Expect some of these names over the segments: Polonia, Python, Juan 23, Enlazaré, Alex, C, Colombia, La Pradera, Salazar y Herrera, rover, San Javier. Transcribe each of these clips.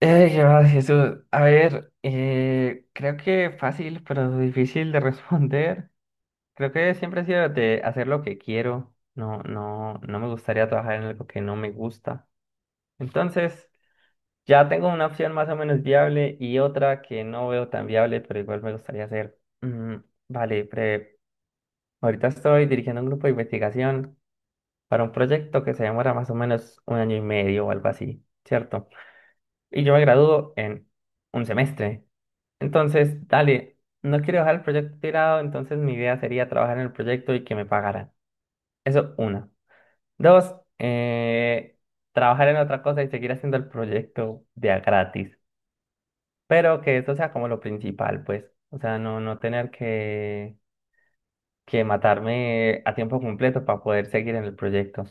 ¿Qué más, Jesús? A ver, creo que fácil, pero difícil de responder. Creo que siempre he sido de hacer lo que quiero. No, no, no me gustaría trabajar en algo que no me gusta. Entonces, ya tengo una opción más o menos viable y otra que no veo tan viable, pero igual me gustaría hacer. Mm, vale, ahorita estoy dirigiendo un grupo de investigación para un proyecto que se demora más o menos un año y medio o algo así, ¿cierto? Y yo me gradúo en un semestre. Entonces, dale, no quiero dejar el proyecto tirado, entonces mi idea sería trabajar en el proyecto y que me pagaran. Eso, una. Dos, trabajar en otra cosa y seguir haciendo el proyecto de a gratis. Pero que eso sea como lo principal, pues. O sea, no tener que matarme a tiempo completo para poder seguir en el proyecto.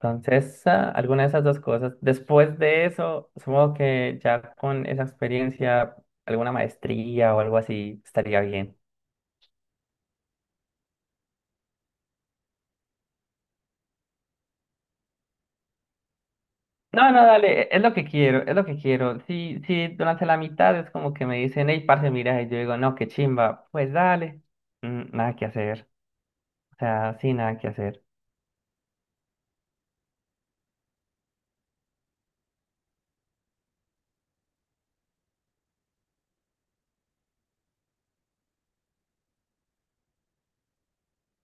Entonces, alguna de esas dos cosas. Después de eso, supongo que ya con esa experiencia, alguna maestría o algo así estaría bien. No, no, dale, es lo que quiero, es lo que quiero. Si durante la mitad es como que me dicen, hey, parce, mira, y yo digo, no, qué chimba, pues dale. Mm, nada que hacer, o sea, sí, nada que hacer.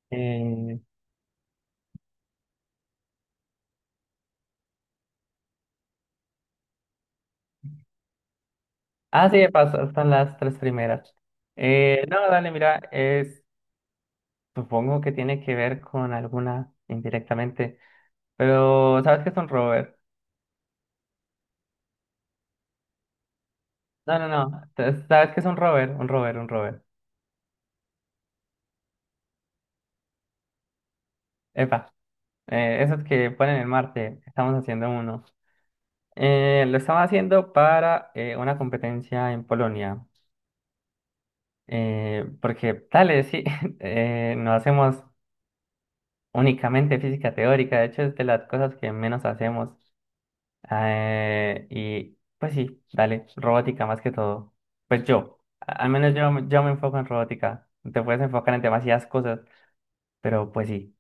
Eh, sí, pasó, están las tres primeras. No, dale, mira, supongo que tiene que ver con alguna indirectamente, pero ¿sabes qué es un rover? No, no, no, entonces, ¿sabes qué es un rover? Un rover. Epa, esos que ponen en Marte, estamos haciendo uno. Lo estaba haciendo para una competencia en Polonia, porque tal sí, no hacemos únicamente física teórica, de hecho es de las cosas que menos hacemos. Y pues sí, dale, robótica más que todo. Pues yo, al menos yo, yo me enfoco en robótica, te puedes enfocar en demasiadas cosas, pero pues sí.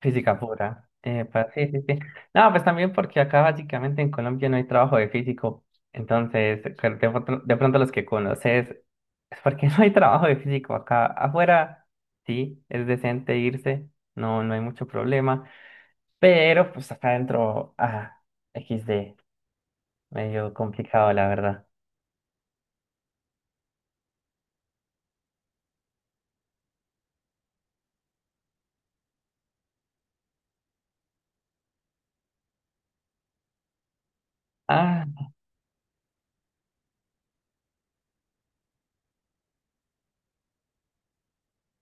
Física pura. Epa, sí, sí, sí. No, pues también porque acá básicamente en Colombia no hay trabajo de físico. Entonces, que de pronto los que conoces es porque no hay trabajo de físico acá. Afuera, sí, es decente irse, no, no hay mucho problema. Pero pues acá adentro, equis de, medio complicado, la verdad. Ah,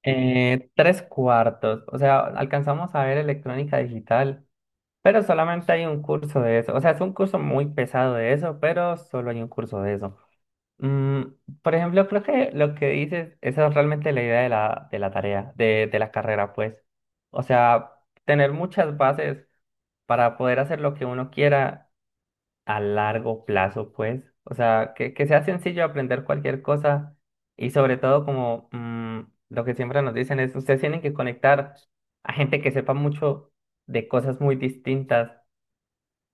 tres cuartos. O sea, alcanzamos a ver electrónica digital. Pero solamente hay un curso de eso. O sea, es un curso muy pesado de eso, pero solo hay un curso de eso. Mm, por ejemplo, creo que lo que dices, esa es realmente la idea de de la tarea, de la carrera, pues. O sea, tener muchas bases para poder hacer lo que uno quiera a largo plazo, pues. O sea, que sea sencillo aprender cualquier cosa y sobre todo como lo que siempre nos dicen es, ustedes tienen que conectar a gente que sepa mucho de cosas muy distintas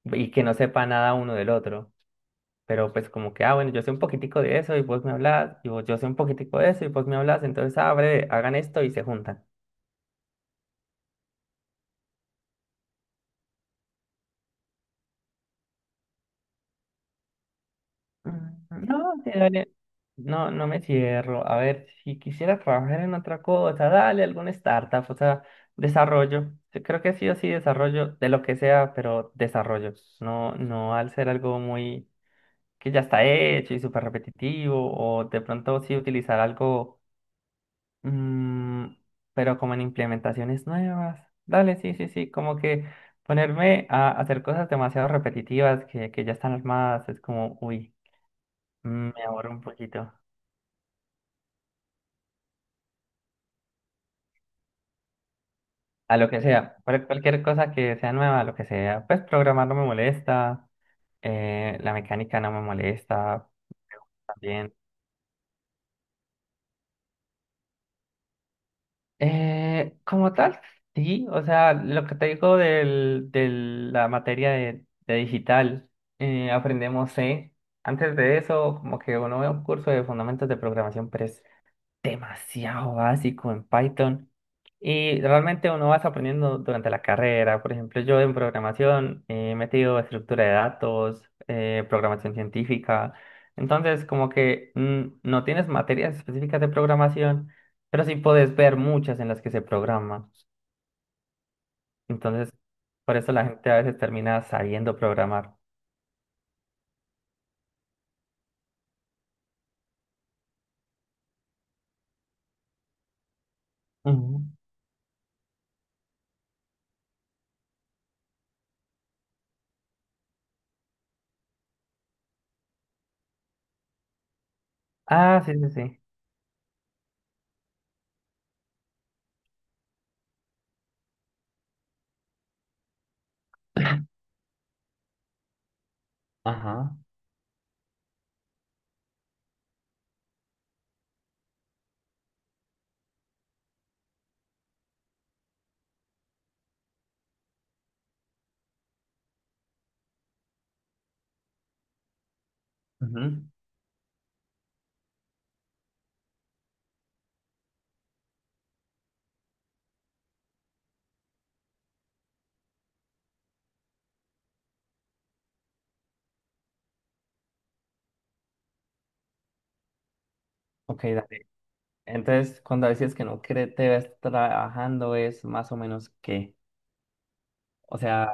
y que no sepa nada uno del otro. Pero pues como que, ah, bueno, yo sé un poquitico de eso y vos me hablas, y vos, yo sé un poquitico de eso y vos me hablas, entonces abre, hagan esto y se juntan. Ujú. No, sí, dale. No, no me cierro. A ver, si quisiera trabajar en otra cosa, dale alguna startup, o sea, desarrollo. Yo creo que sí o sí desarrollo de lo que sea, pero desarrollo. No, no al ser algo muy que ya está hecho y súper repetitivo, o de pronto sí utilizar algo. Mm, pero como en implementaciones nuevas. Dale, sí, sí, sí, como que ponerme a hacer cosas demasiado repetitivas que ya están armadas es como, uy, me aburro un poquito. A lo que sea, cualquier cosa que sea nueva, lo que sea. Pues programar no me molesta, la mecánica no me molesta, también. Como tal, sí, o sea, lo que te digo de la materia de digital, aprendemos C. Antes de eso, como que uno ve un curso de fundamentos de programación, pero es demasiado básico en Python y realmente uno vas aprendiendo durante la carrera. Por ejemplo, yo en programación he metido estructura de datos, programación científica. Entonces, como que no tienes materias específicas de programación, pero sí puedes ver muchas en las que se programa. Entonces, por eso la gente a veces termina sabiendo programar. Ujú. Ah, sí, sí, sí. Ajá. Ujú. Ok, dale. Entonces, cuando decías que no te ves trabajando, es más o menos que, o sea,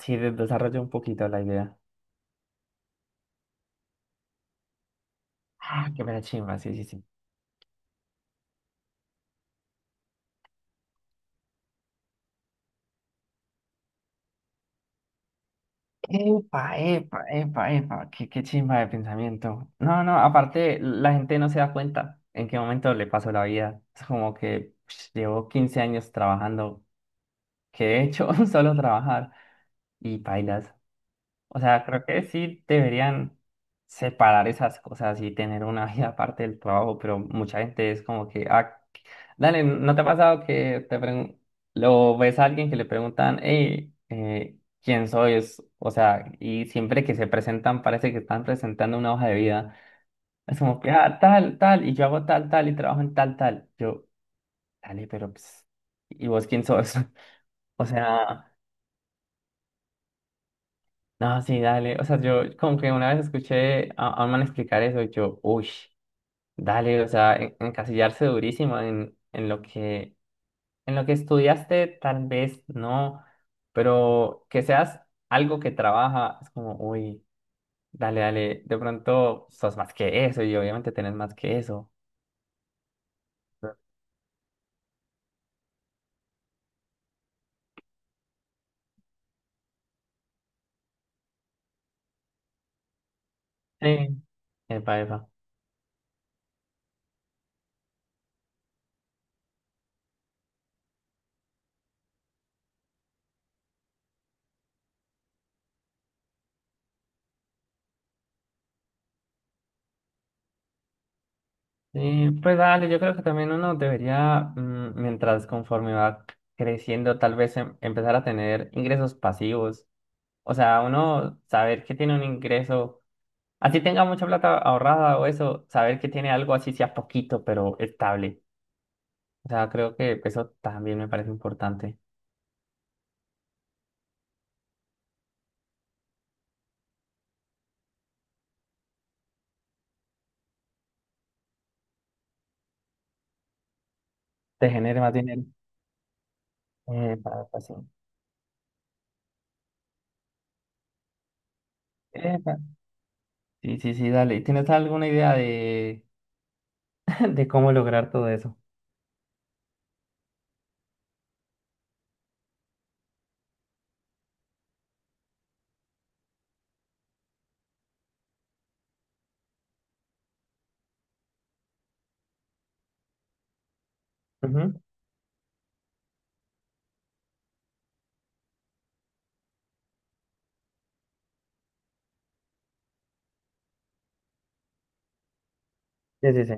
si desarrollo un poquito la idea. Ah, qué mera chimba, sí, sí, sí. Epa, epa, epa, epa, qué chimba de pensamiento. No, no, aparte, la gente no se da cuenta en qué momento le pasó la vida. Es como que psh, llevo 15 años trabajando, que he hecho solo trabajar y bailas. O sea, creo que sí deberían separar esas cosas y tener una vida aparte del trabajo, pero mucha gente es como que, ah, dale, ¿no te ha pasado que te lo ves a alguien que le preguntan, hey, ¿quién sois? O sea, y siempre que se presentan parece que están presentando una hoja de vida. Es como que, ah, tal, tal, y yo hago tal, tal, y trabajo en tal, tal. Yo, dale, pero, pues, ¿y vos quién sos? O sea... No, sí, dale. O sea, yo como que una vez escuché a un man explicar eso y yo, uy, dale, o sea, encasillarse durísimo en lo que estudiaste, tal vez no, pero que seas algo que trabaja, es como, uy, dale, dale, de pronto sos más que eso y obviamente tenés más que eso. Sí, epa, epa. Sí, pues dale, yo creo que también uno debería, mm, mientras conforme va creciendo, tal vez empezar a tener ingresos pasivos. O sea, uno saber que tiene un ingreso, así tenga mucha plata ahorrada o eso, saber que tiene algo así sea poquito, pero estable. O sea, creo que eso también me parece importante. Te genere más dinero. Epa, epa, sí. Epa. Sí, sí, sí, dale. ¿Tienes alguna idea de, de cómo lograr todo eso? Ujú. Sí, sí, sí.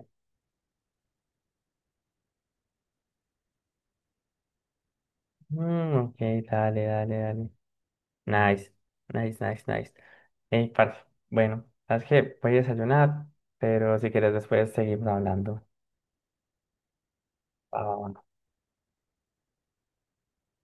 Mm, ok, dale, dale, dale. Nice, nice, nice, nice. Ey, parce, bueno, sabes que voy a desayunar, pero si quieres después seguimos hablando. Va, va, va.